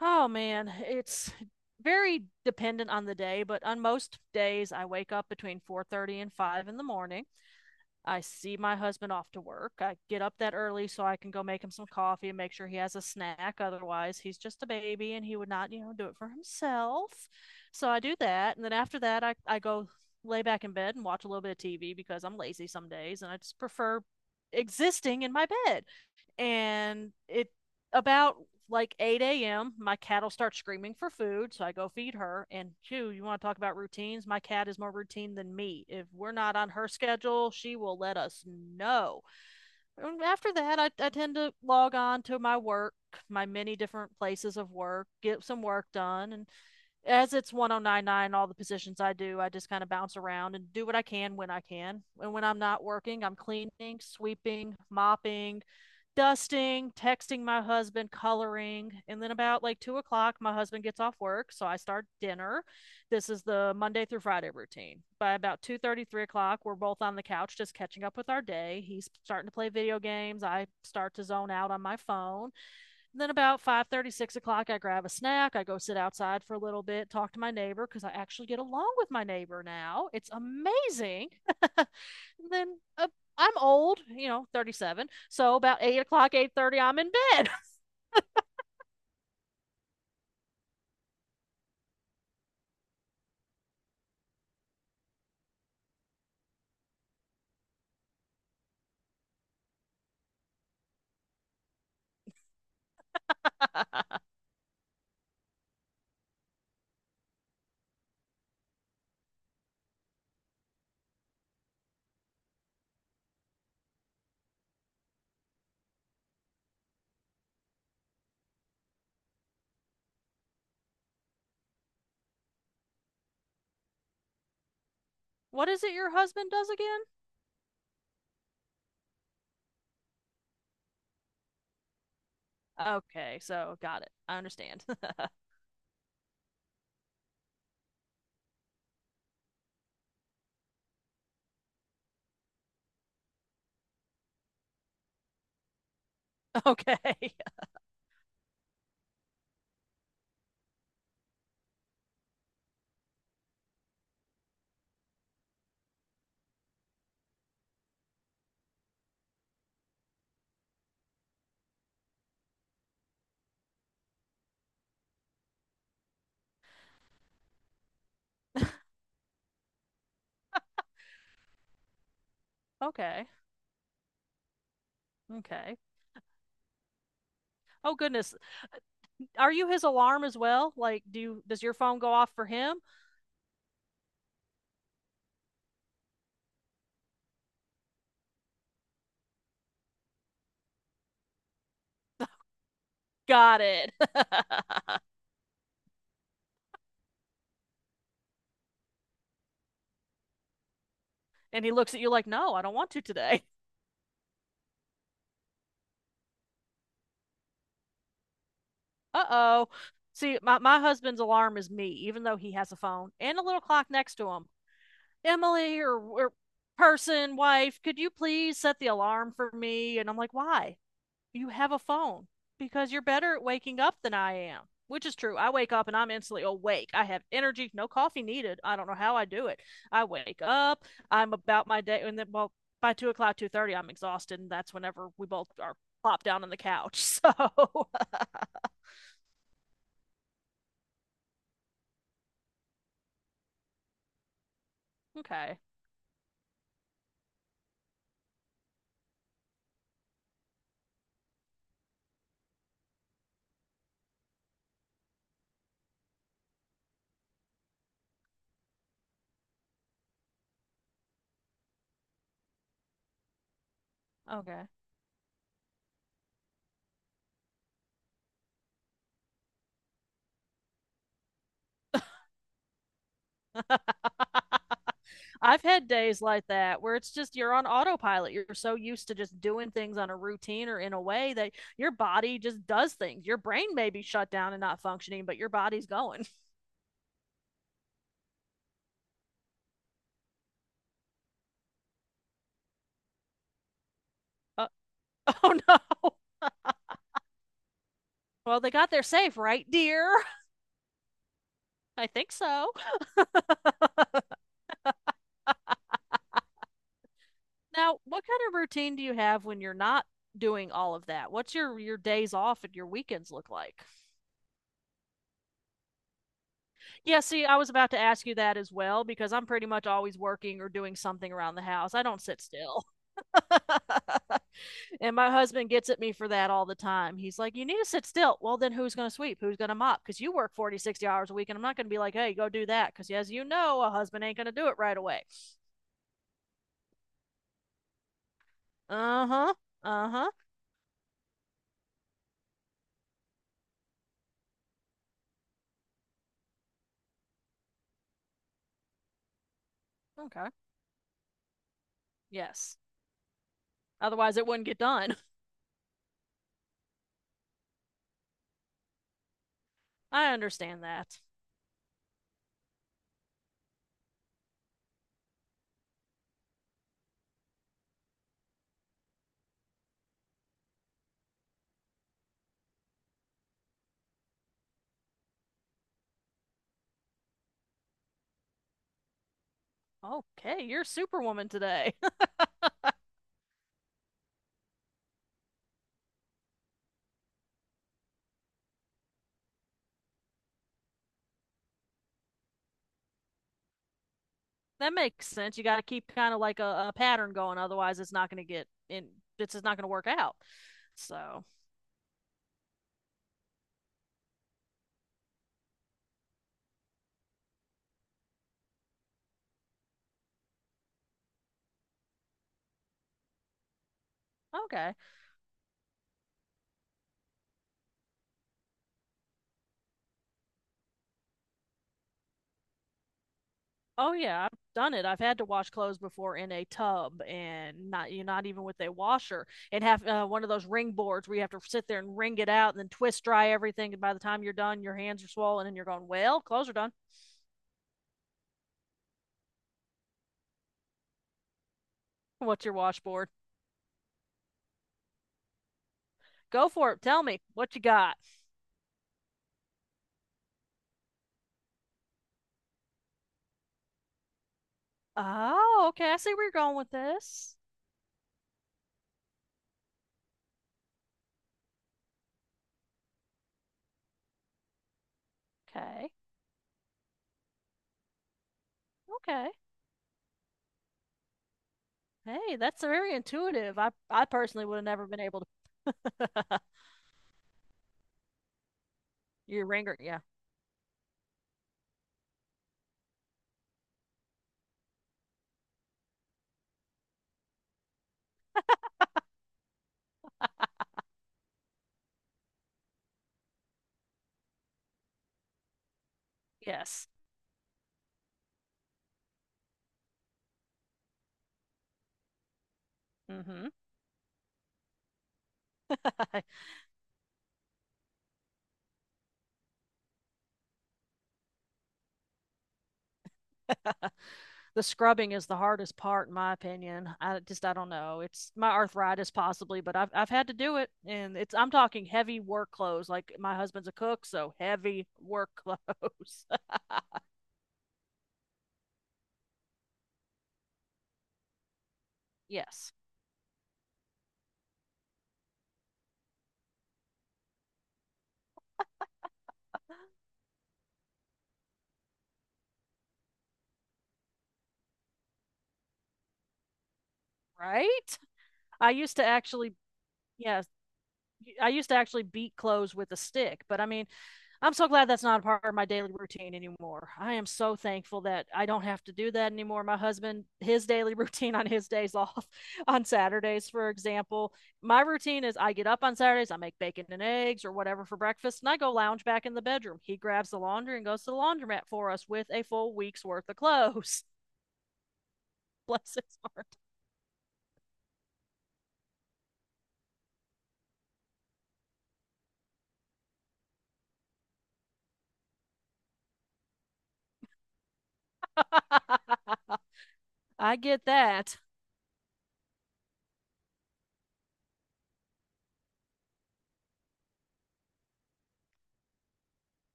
Oh man, it's very dependent on the day, but on most days I wake up between 4:30 and 5 in the morning. I see my husband off to work. I get up that early so I can go make him some coffee and make sure he has a snack. Otherwise, he's just a baby and he would not do it for himself. So I do that, and then after that I go lay back in bed and watch a little bit of TV because I'm lazy some days and I just prefer existing in my bed and it about like 8 a.m. My cat'll start screaming for food, so I go feed her. And chew, you want to talk about routines? My cat is more routine than me. If we're not on her schedule, she will let us know. And after that, I tend to log on to my work, my many different places of work, get some work done, and as it's 1099, all the positions I do, I just kind of bounce around and do what I can when I can. And when I'm not working, I'm cleaning, sweeping, mopping, dusting, texting my husband, coloring. And then about like 2 o'clock my husband gets off work, so I start dinner. This is the Monday through Friday routine. By about 2:30, 3 o'clock, we're both on the couch just catching up with our day. He's starting to play video games, I start to zone out on my phone. Then about 5:30, 6 o'clock, I grab a snack, I go sit outside for a little bit, talk to my neighbor, because I actually get along with my neighbor now. It's amazing. And then uh, I'm old, 37, so about 8 o'clock, 8:30 I'm in bed. What is it your husband does again? Okay, so got it, I understand. Okay. Okay. Okay, oh goodness. Are you his alarm as well? Like does your phone go off for him? Got it. And he looks at you like, no, I don't want to today. Uh oh. See, my husband's alarm is me, even though he has a phone and a little clock next to him. Emily or person, wife, could you please set the alarm for me? And I'm like, why? You have a phone. Because you're better at waking up than I am, which is true. I wake up and I'm instantly awake. I have energy, no coffee needed. I don't know how I do it. I wake up, I'm about my day, and then, well, by 2 o'clock, 2:30, I'm exhausted, and that's whenever we both are plopped down on the couch. So, okay, okay. I've had days like that where it's just you're on autopilot. You're so used to just doing things on a routine or in a way that your body just does things. Your brain may be shut down and not functioning, but your body's going. Uh, oh no. Well, they got there safe, right, dear? I think so. Now, what kind of routine do you have when you're not doing all of that? What's your days off and your weekends look like? Yeah, see, I was about to ask you that as well because I'm pretty much always working or doing something around the house. I don't sit still. And my husband gets at me for that all the time. He's like, you need to sit still. Well, then who's going to sweep? Who's going to mop? Because you work 40-60 hours a week. And I'm not going to be like, hey, go do that. Because as you know, a husband ain't going to do it right away. Uh huh. Uh huh. Okay. Yes. Otherwise, it wouldn't get done. I understand that. Okay, you're Superwoman today. That makes sense. You got to keep kind of like a pattern going. Otherwise, it's not going to get in. It's just not going to work out. So, okay. Oh yeah, I've done it. I've had to wash clothes before in a tub and not even with a washer and have one of those ring boards where you have to sit there and wring it out and then twist dry everything, and by the time you're done your hands are swollen and you're going, "Well, clothes are done." What's your washboard? Go for it. Tell me what you got. Oh, okay. I see where you're going with this. Okay. Okay. Hey, that's very intuitive. I personally would have never been able to. Your ringer. Yeah. Yes. Mhm. The scrubbing is the hardest part in my opinion. I just, I don't know, it's my arthritis possibly, but I've had to do it. And it's, I'm talking heavy work clothes, like my husband's a cook, so heavy work clothes. Yes. Right. i used to actually yes I used to actually beat clothes with a stick, but I mean, I'm so glad that's not a part of my daily routine anymore. I am so thankful that I don't have to do that anymore. My husband, his daily routine on his days off, on Saturdays, for example, my routine is I get up on Saturdays, I make bacon and eggs or whatever for breakfast, and I go lounge back in the bedroom. He grabs the laundry and goes to the laundromat for us with a full week's worth of clothes. Bless his heart. I get that.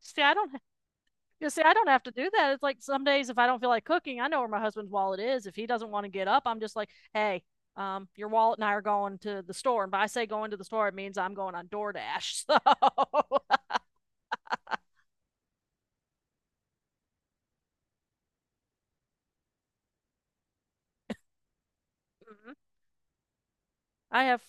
See, I don't You see, I don't have to do that. It's like some days if I don't feel like cooking, I know where my husband's wallet is. If he doesn't want to get up, I'm just like, hey, your wallet and I are going to the store. And by I say going to the store, it means I'm going on DoorDash. So I have,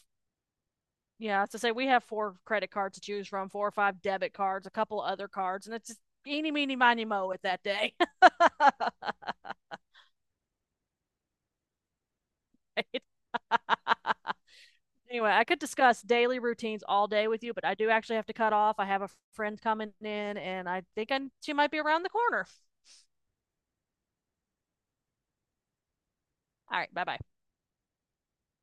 yeah, to say, we have four credit cards to choose from, four or five debit cards, a couple of other cards, and it's just eeny, meeny, miny, mo at that day. Right? Anyway, I could discuss daily routines all day with you, but I do actually have to cut off. I have a friend coming in, and I think I, she might be around the corner. All right, bye bye.